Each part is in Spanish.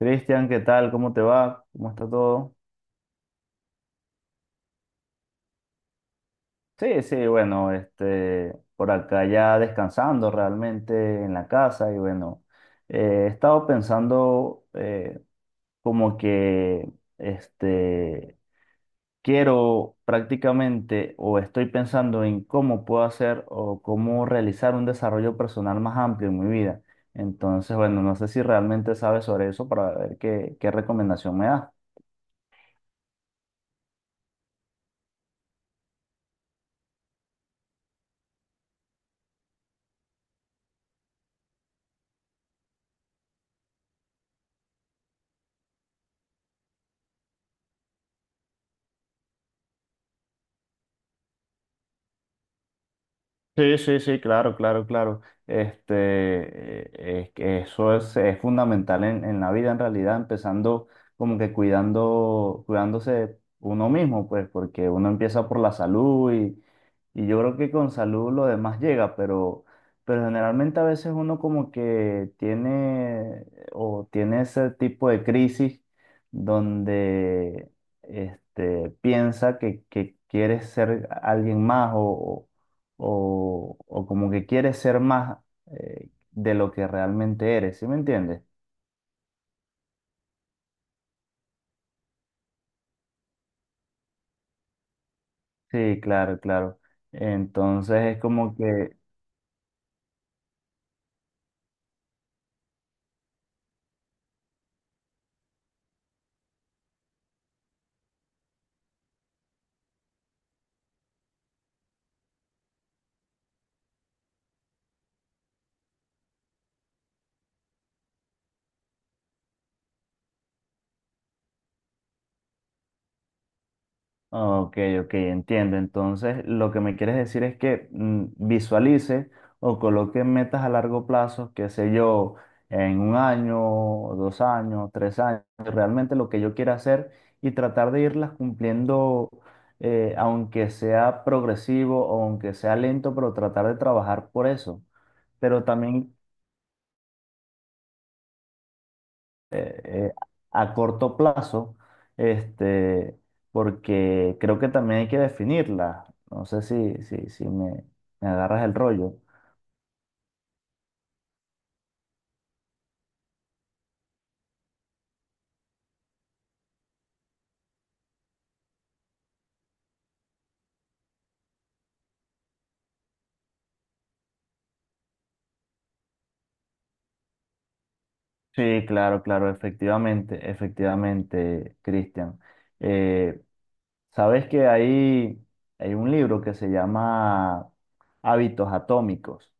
Cristian, ¿qué tal? ¿Cómo te va? ¿Cómo está todo? Sí, sí, bueno, por acá ya descansando realmente en la casa y bueno, he estado pensando, como que este, quiero prácticamente o estoy pensando en cómo puedo hacer o cómo realizar un desarrollo personal más amplio en mi vida. Entonces, bueno, no sé si realmente sabes sobre eso para ver qué recomendación me das. Sí, sí, sí, claro, claro, claro. Es que eso es fundamental en, la vida, en realidad, empezando como que cuidándose uno mismo, pues, porque uno empieza por la salud y, yo creo que con salud lo demás llega, pero, generalmente a veces uno como que tiene o tiene ese tipo de crisis donde piensa que quieres ser alguien más o como que quieres ser más de lo que realmente eres, ¿sí me entiendes? Sí, claro, claro. Entonces es como que. Ok, ok, entiendo. Entonces, lo que me quieres decir es que visualice o coloque metas a largo plazo, qué sé yo, en un año, 2 años, 3 años, realmente lo que yo quiera hacer y tratar de irlas cumpliendo, aunque sea progresivo o aunque sea lento, pero tratar de trabajar por eso. Pero también eh, eh, a corto plazo, este, porque creo que también hay que definirla. No sé si me agarras el rollo. Sí, claro, claro, efectivamente, efectivamente, Cristian. Eh, sabes que hay un libro que se llama Hábitos Atómicos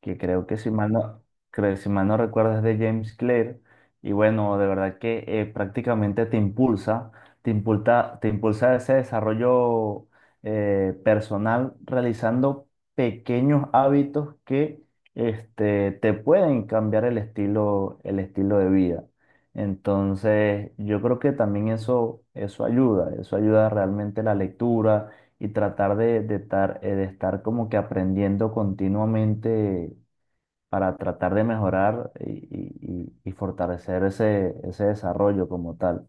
que creo que si mal no, creo, si mal no recuerdas, de James Clear, y bueno, de verdad que prácticamente te impulsa ese desarrollo personal realizando pequeños hábitos que te pueden cambiar el estilo de vida. Entonces, yo creo que también eso ayuda realmente la lectura y tratar de estar como que aprendiendo continuamente para tratar de mejorar y fortalecer ese desarrollo como tal.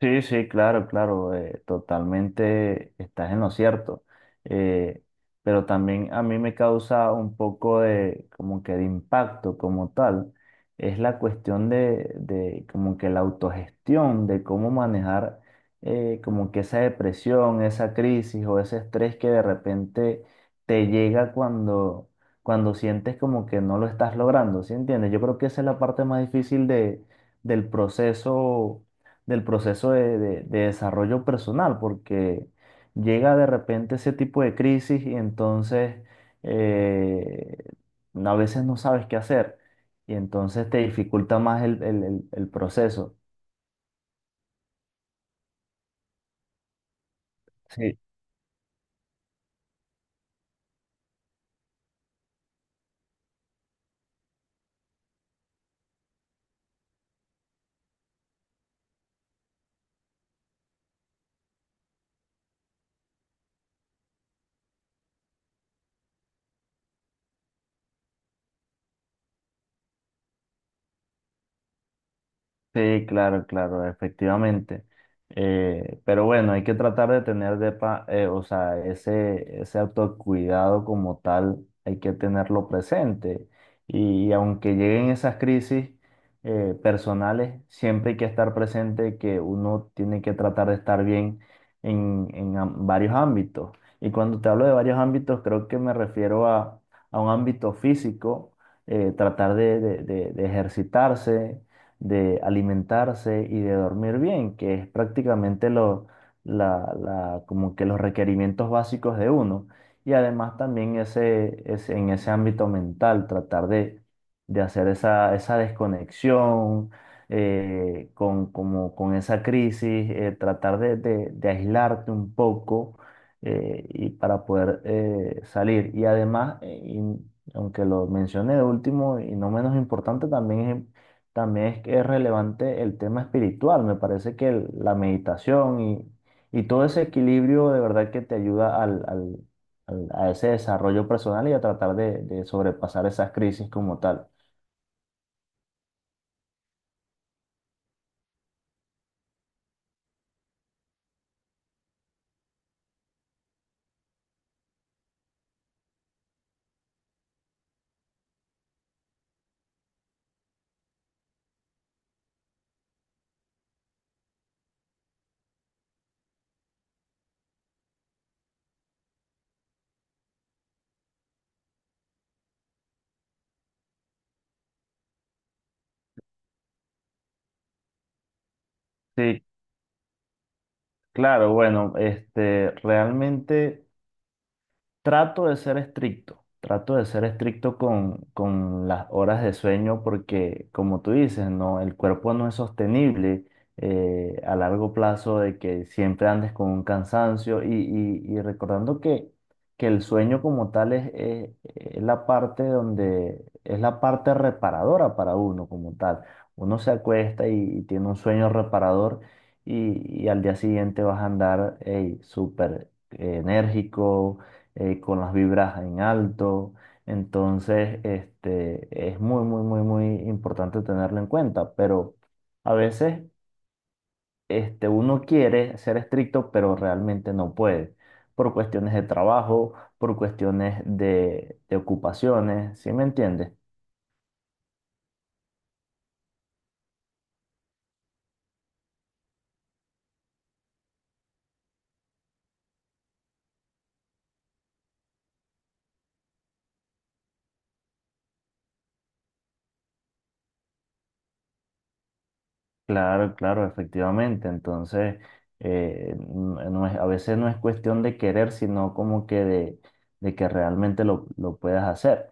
Sí, sí, claro, claro, totalmente estás en lo cierto. eh, pero también a mí me causa un poco de como que de impacto como tal. Es la cuestión de como que la autogestión, de cómo manejar como que esa depresión, esa crisis o ese estrés que de repente te llega cuando sientes como que no lo estás logrando, ¿sí entiendes? Yo creo que esa es la parte más difícil de, del proceso del proceso de desarrollo personal, porque llega de repente ese tipo de crisis y entonces eh, a veces no sabes qué hacer y entonces te dificulta más el proceso. Sí, claro, claro, efectivamente. Pero bueno, hay que tratar de tener o sea, ese autocuidado como tal, hay que tenerlo presente. Y, aunque lleguen esas crisis personales, siempre hay que estar presente que uno tiene que tratar de estar bien en, varios ámbitos. Y cuando te hablo de varios ámbitos, creo que me refiero a un ámbito físico, tratar de ejercitarse, de alimentarse y de dormir bien, que es prácticamente como que los requerimientos básicos de uno. Y además también en ese ámbito mental, tratar de hacer esa desconexión con esa crisis, tratar de aislarte un poco y para poder salir. Y además, y aunque lo mencioné de último y no menos importante, también es que es relevante el tema espiritual. Me parece que la meditación y todo ese equilibrio de verdad que te ayuda a ese desarrollo personal y a tratar de sobrepasar esas crisis como tal. Sí, claro, bueno, realmente. Trato de ser estricto, trato de ser estricto con las horas de sueño porque, como tú dices, no, el cuerpo no es sostenible a largo plazo de que siempre andes con un cansancio y recordando que el sueño como tal es la parte reparadora para uno como tal. Uno se acuesta y tiene un sueño reparador y al día siguiente vas a andar, ey, súper enérgico, con las vibras en alto. Entonces, es muy, muy, muy, muy importante tenerlo en cuenta, pero a veces uno quiere ser estricto, pero realmente no puede, por cuestiones de trabajo, por cuestiones de ocupaciones, ¿sí me entiendes? Claro, claro, efectivamente. Entonces, eh, n- no es, a veces no es cuestión de querer, sino como que de que realmente lo puedas hacer.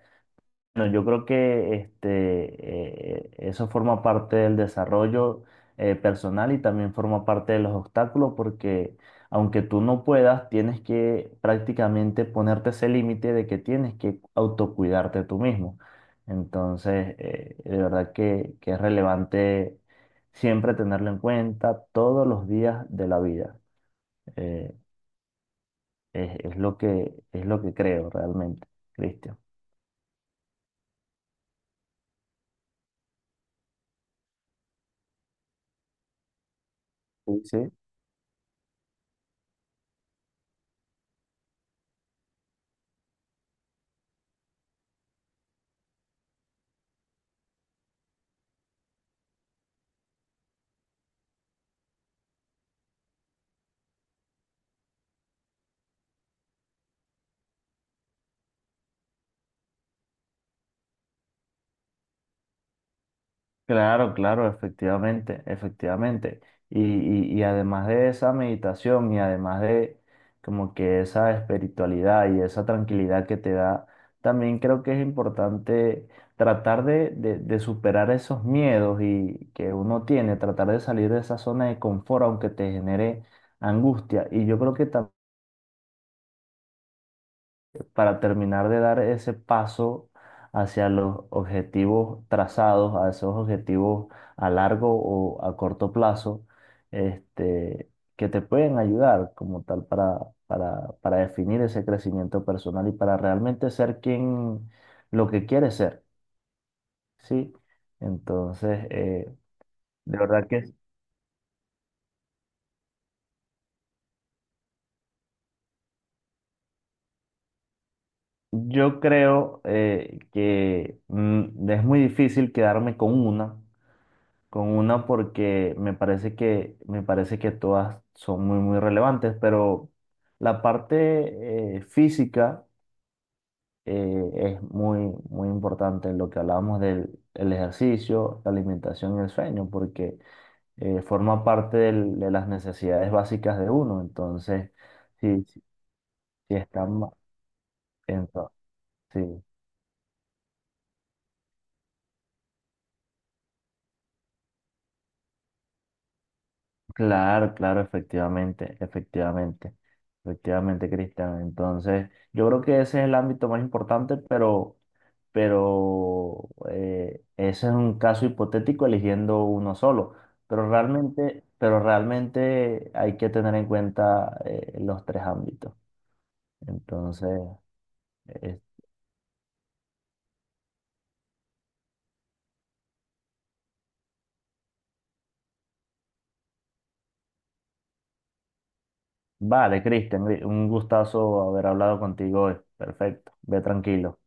Bueno, yo creo que eso forma parte del desarrollo personal y también forma parte de los obstáculos porque aunque tú no puedas, tienes que prácticamente ponerte ese límite de que tienes que autocuidarte tú mismo. Entonces, de verdad que es relevante siempre tenerlo en cuenta todos los días de la vida. Eh, es lo que creo realmente, Cristian. Sí. Claro, claro, efectivamente, efectivamente. Y además de esa meditación y además de como que esa espiritualidad y esa tranquilidad que te da, también creo que es importante tratar de superar esos miedos y que uno tiene, tratar de salir de esa zona de confort aunque te genere angustia. Y yo creo que también para terminar de dar ese paso hacia los objetivos trazados, a esos objetivos a largo o a corto plazo, este, que te pueden ayudar como tal para definir ese crecimiento personal y para realmente ser quien lo que quieres ser, ¿sí? Entonces, de verdad que yo creo que es muy difícil quedarme con una. Con una porque me parece que todas son muy, muy relevantes, pero la parte física es muy, muy importante en lo que hablábamos del el ejercicio, la alimentación y el sueño, porque forma parte de las necesidades básicas de uno. Entonces, si, si si están, entonces, sí. Claro, claro, efectivamente, efectivamente, efectivamente, Cristian. Entonces, yo creo que ese es el ámbito más importante, pero ese es un caso hipotético eligiendo uno solo. Pero realmente hay que tener en cuenta los tres ámbitos. Entonces, eh, vale, Cristian, un gustazo haber hablado contigo hoy. Perfecto, ve tranquilo.